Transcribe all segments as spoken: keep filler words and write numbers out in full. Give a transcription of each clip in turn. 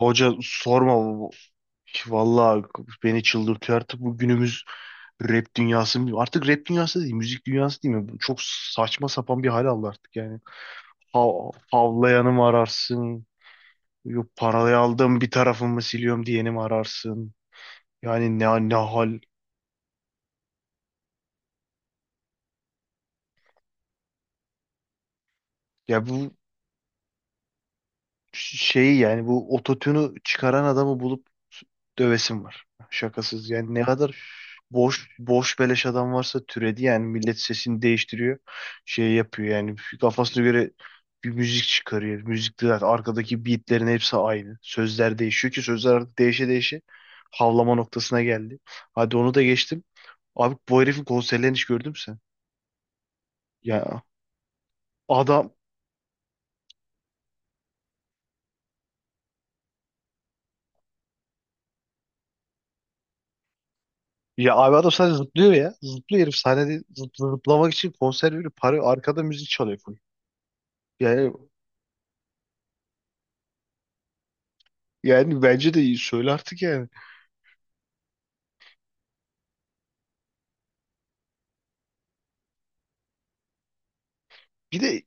Hoca sorma. bu- Vallahi beni çıldırtıyor artık bu günümüz rap dünyası. Artık rap dünyası değil, müzik dünyası değil mi? Bu Çok saçma sapan bir hal aldı artık yani. Hav havlayanı mı ararsın? Yok, parayı aldım bir tarafımı siliyorum diyeni mi ararsın? Yani ne, ne hal? Ya bu Şeyi yani bu ototünü çıkaran adamı bulup dövesim var. Şakasız yani, ne kadar boş boş beleş adam varsa türedi, yani millet sesini değiştiriyor. Şey yapıyor yani kafasına göre bir müzik çıkarıyor. Müzikte zaten arkadaki beatlerin hepsi aynı. Sözler değişiyor ki sözler artık değişe değişe havlama noktasına geldi. Hadi onu da geçtim. Abi bu herifin konserlerini hiç gördün mü sen? Ya adam Ya abi adam sadece zıplıyor ya. Zıplıyor herif sahnede, zıpl- zıplamak için konser veriyor. Para arkada müzik çalıyor full. Yani Yani bence de iyi. Söyle artık yani. Bir de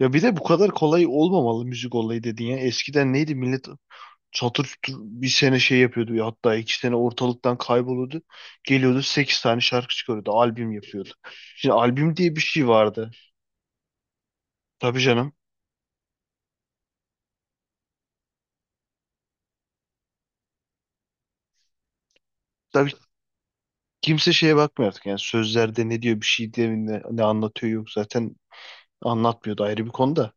Ya bir de bu kadar kolay olmamalı müzik olayı dedin ya. Eskiden neydi millet çatır çutur bir sene şey yapıyordu ya, hatta iki sene ortalıktan kayboluyordu. Geliyordu sekiz tane şarkı çıkarıyordu. Albüm yapıyordu. Şimdi albüm diye bir şey vardı. Tabii canım. Tabii kimse şeye bakmıyor artık, yani sözlerde ne diyor bir şey diye, ne, ne anlatıyor, yok zaten anlatmıyordu, ayrı bir konuda.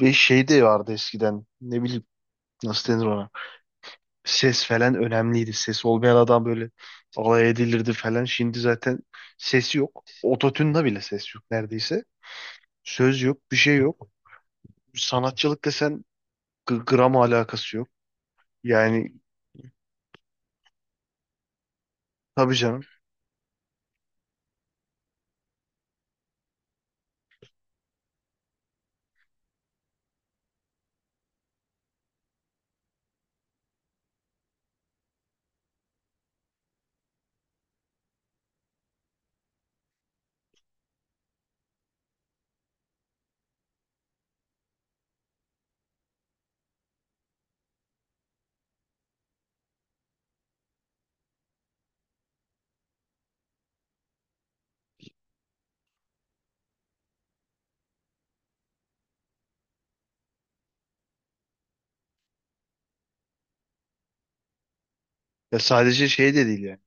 Ve şey de vardı eskiden. Ne bileyim nasıl denir ona. Ses falan önemliydi. Ses olmayan adam böyle alay edilirdi falan. Şimdi zaten sesi yok. Ototune'da bile ses yok neredeyse. Söz yok, bir şey yok. Sanatçılıkla sen g- gram alakası yok. Yani tabii canım. Ya sadece şey de değil yani.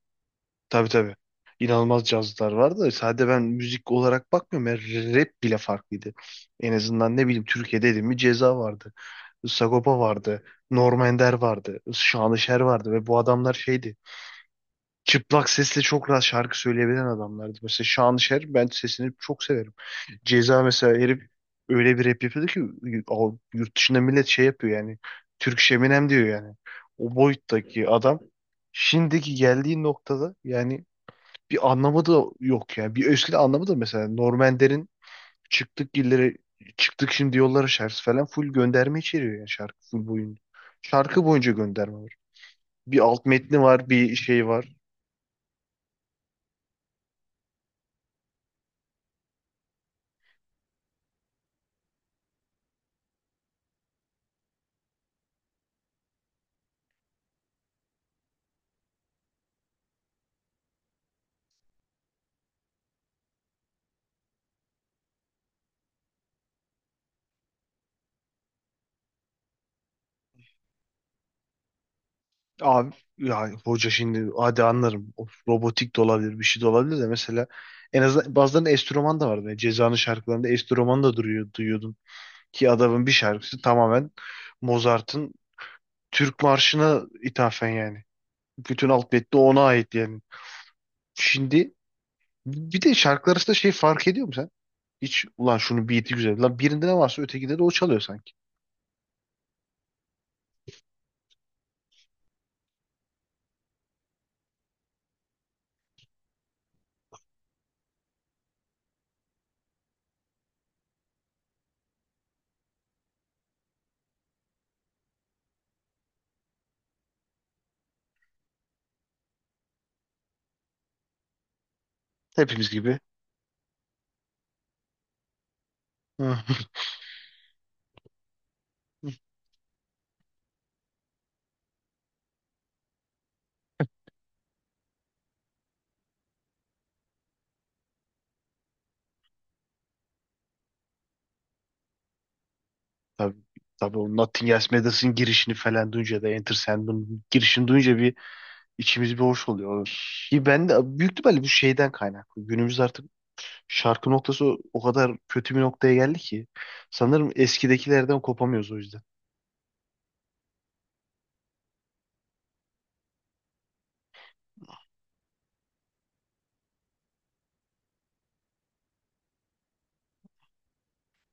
Tabii tabii. İnanılmaz cazlar var da sadece ben müzik olarak bakmıyorum. Ya rap bile farklıydı. En azından ne bileyim Türkiye'de dedim mi Ceza vardı. Sagopa vardı. Norm Ender vardı. Şanışer vardı ve bu adamlar şeydi. Çıplak sesle çok rahat şarkı söyleyebilen adamlardı. Mesela Şanışer, ben sesini çok severim. Ceza mesela, herif öyle bir rap yapıyordu ki o, yurt dışında millet şey yapıyor yani. Türk Şeminem diyor yani. O boyuttaki adam şimdiki geldiği noktada yani bir anlamı da yok yani. Bir ösküde anlamı da, mesela Norm Ender'in Çıktık illere çıktık şimdi yollara şarkısı falan full gönderme içeriyor yani şarkı full boyunca. Şarkı boyunca gönderme var. Bir alt metni var, bir şey var. Abi ya hoca, şimdi hadi anlarım. O robotik de olabilir, bir şey de olabilir de mesela en azından bazılarının enstrüman da vardı. Yani Ceza'nın şarkılarında enstrüman da duruyor, duyuyordum. Ki adamın bir şarkısı tamamen Mozart'ın Türk Marşı'na ithafen yani. Bütün alt metni ona ait yani. Şimdi bir de şarkılar arasında şey fark ediyor mu sen? Hiç ulan şunu beat'i güzel. Lan birinde ne varsa ötekinde de o çalıyor sanki. Hepimiz gibi. Hı. Tabii, tabii, o Nothing Else Matters'ın girişini falan duyunca da Enter Sandman'ın girişini duyunca bir içimiz bir hoş oluyor. Ki ben de büyük ihtimalle bu şeyden kaynaklı. Günümüz artık şarkı noktası o kadar kötü bir noktaya geldi ki. Sanırım eskidekilerden kopamıyoruz o yüzden.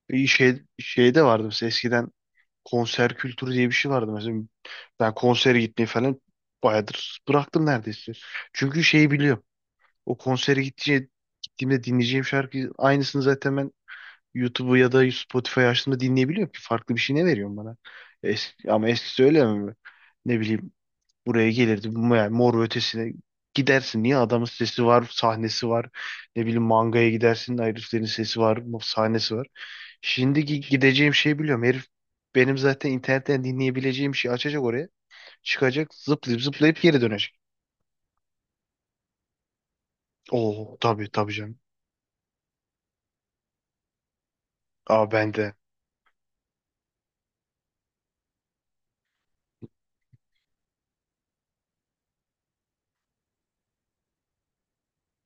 Bir Şey, şeyde vardı mesela eskiden konser kültürü diye bir şey vardı mesela. Ben konsere gitmeyi falan bayağıdır bıraktım neredeyse. Çünkü şeyi biliyorum. O konsere gittiğimde, Gittiğimde dinleyeceğim şarkı aynısını zaten ben YouTube'u ya da Spotify açtığımda dinleyebiliyorum ki farklı bir şey ne veriyorum bana. Es- ama eskisi öyle mi? Ne bileyim, buraya gelirdi. Bu- Yani Mor ve Ötesi'ne gidersin. Niye? Adamın sesi var, sahnesi var. Ne bileyim mangaya gidersin. Heriflerin sesi var, sahnesi var. Şimdiki gideceğim şeyi biliyorum. Herif benim zaten internetten dinleyebileceğim şeyi açacak oraya. Çıkacak, zıplayıp zıplayıp geri dönecek. Oo tabii, tabii canım. Aa ben de.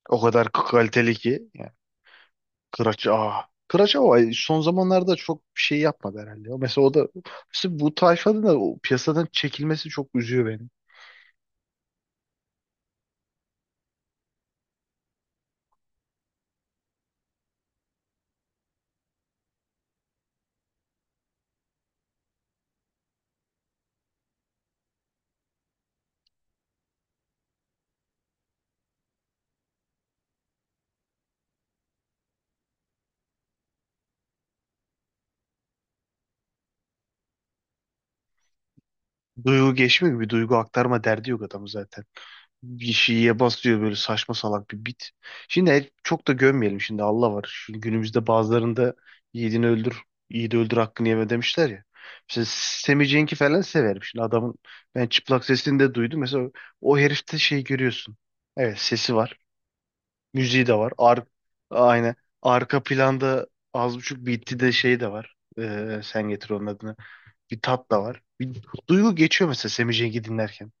O kadar kaliteli ki. Yani, Kıraç aa. Kıraç ama son zamanlarda çok bir şey yapmadı herhalde. Mesela o da, mesela bu tayfanın da o piyasadan çekilmesi çok üzüyor beni. Duygu geçmiyor gibi, bir duygu aktarma derdi yok adamı zaten. Bir şeye bas böyle saçma salak bir bit. Şimdi el- çok da gömmeyelim şimdi, Allah var. Şu günümüzde bazılarında yiğidini öldür, yiğidi öldür, hakkını yeme demişler ya. Mesela Sammy Cenk'i falan severim. Şimdi adamın ben çıplak sesini de duydum. Mesela o herifte şey görüyorsun. Evet sesi var. Müziği de var. Ar aynen. Arka planda az buçuk bitti de şey de var. Ee, sen getir onun adını. Bir tat da var. Bir duygu geçiyor mesela Semih Cenk'i dinlerken.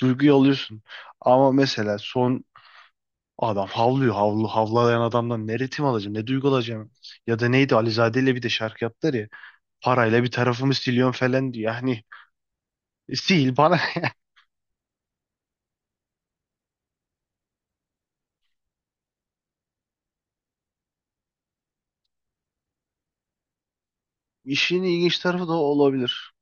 Duyguyu alıyorsun. Ama mesela son adam havlıyor. Havlu, havlayan adamdan ne ritim alacağım, ne duygu alacağım. Ya da neydi, Alizade ile bir de şarkı yaptılar ya. Parayla bir tarafımı siliyorum falan diyor. Yani sil bana. İşin ilginç tarafı da o olabilir.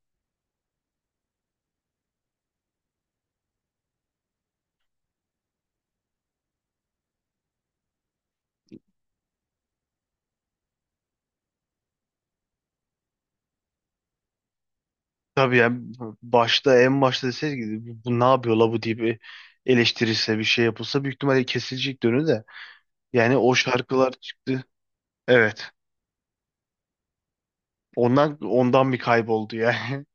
Tabii yani başta en başta deseydi bu, bu ne yapıyor la bu diye bir eleştirirse, bir şey yapılsa büyük ihtimalle kesilecek dönü de. Yani o şarkılar çıktı. Evet. Ondan ondan bir kayboldu yani.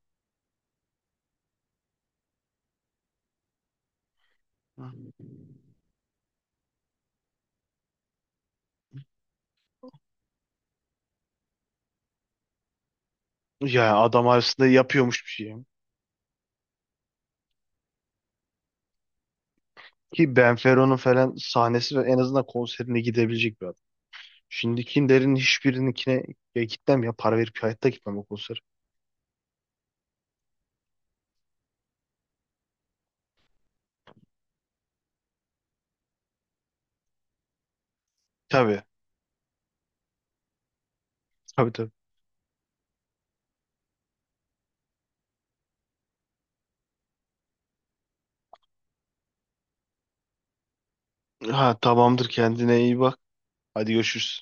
Ya adam aslında yapıyormuş bir şey. Ki Benfero'nun falan sahnesi ve en azından konserine gidebilecek bir adam. Şimdikilerin hiçbirininkine ya gitmem, ya para verip hayatta gitmem o konser. Tabii. Tabii tabii. Ha tamamdır, kendine iyi bak. Hadi görüşürüz.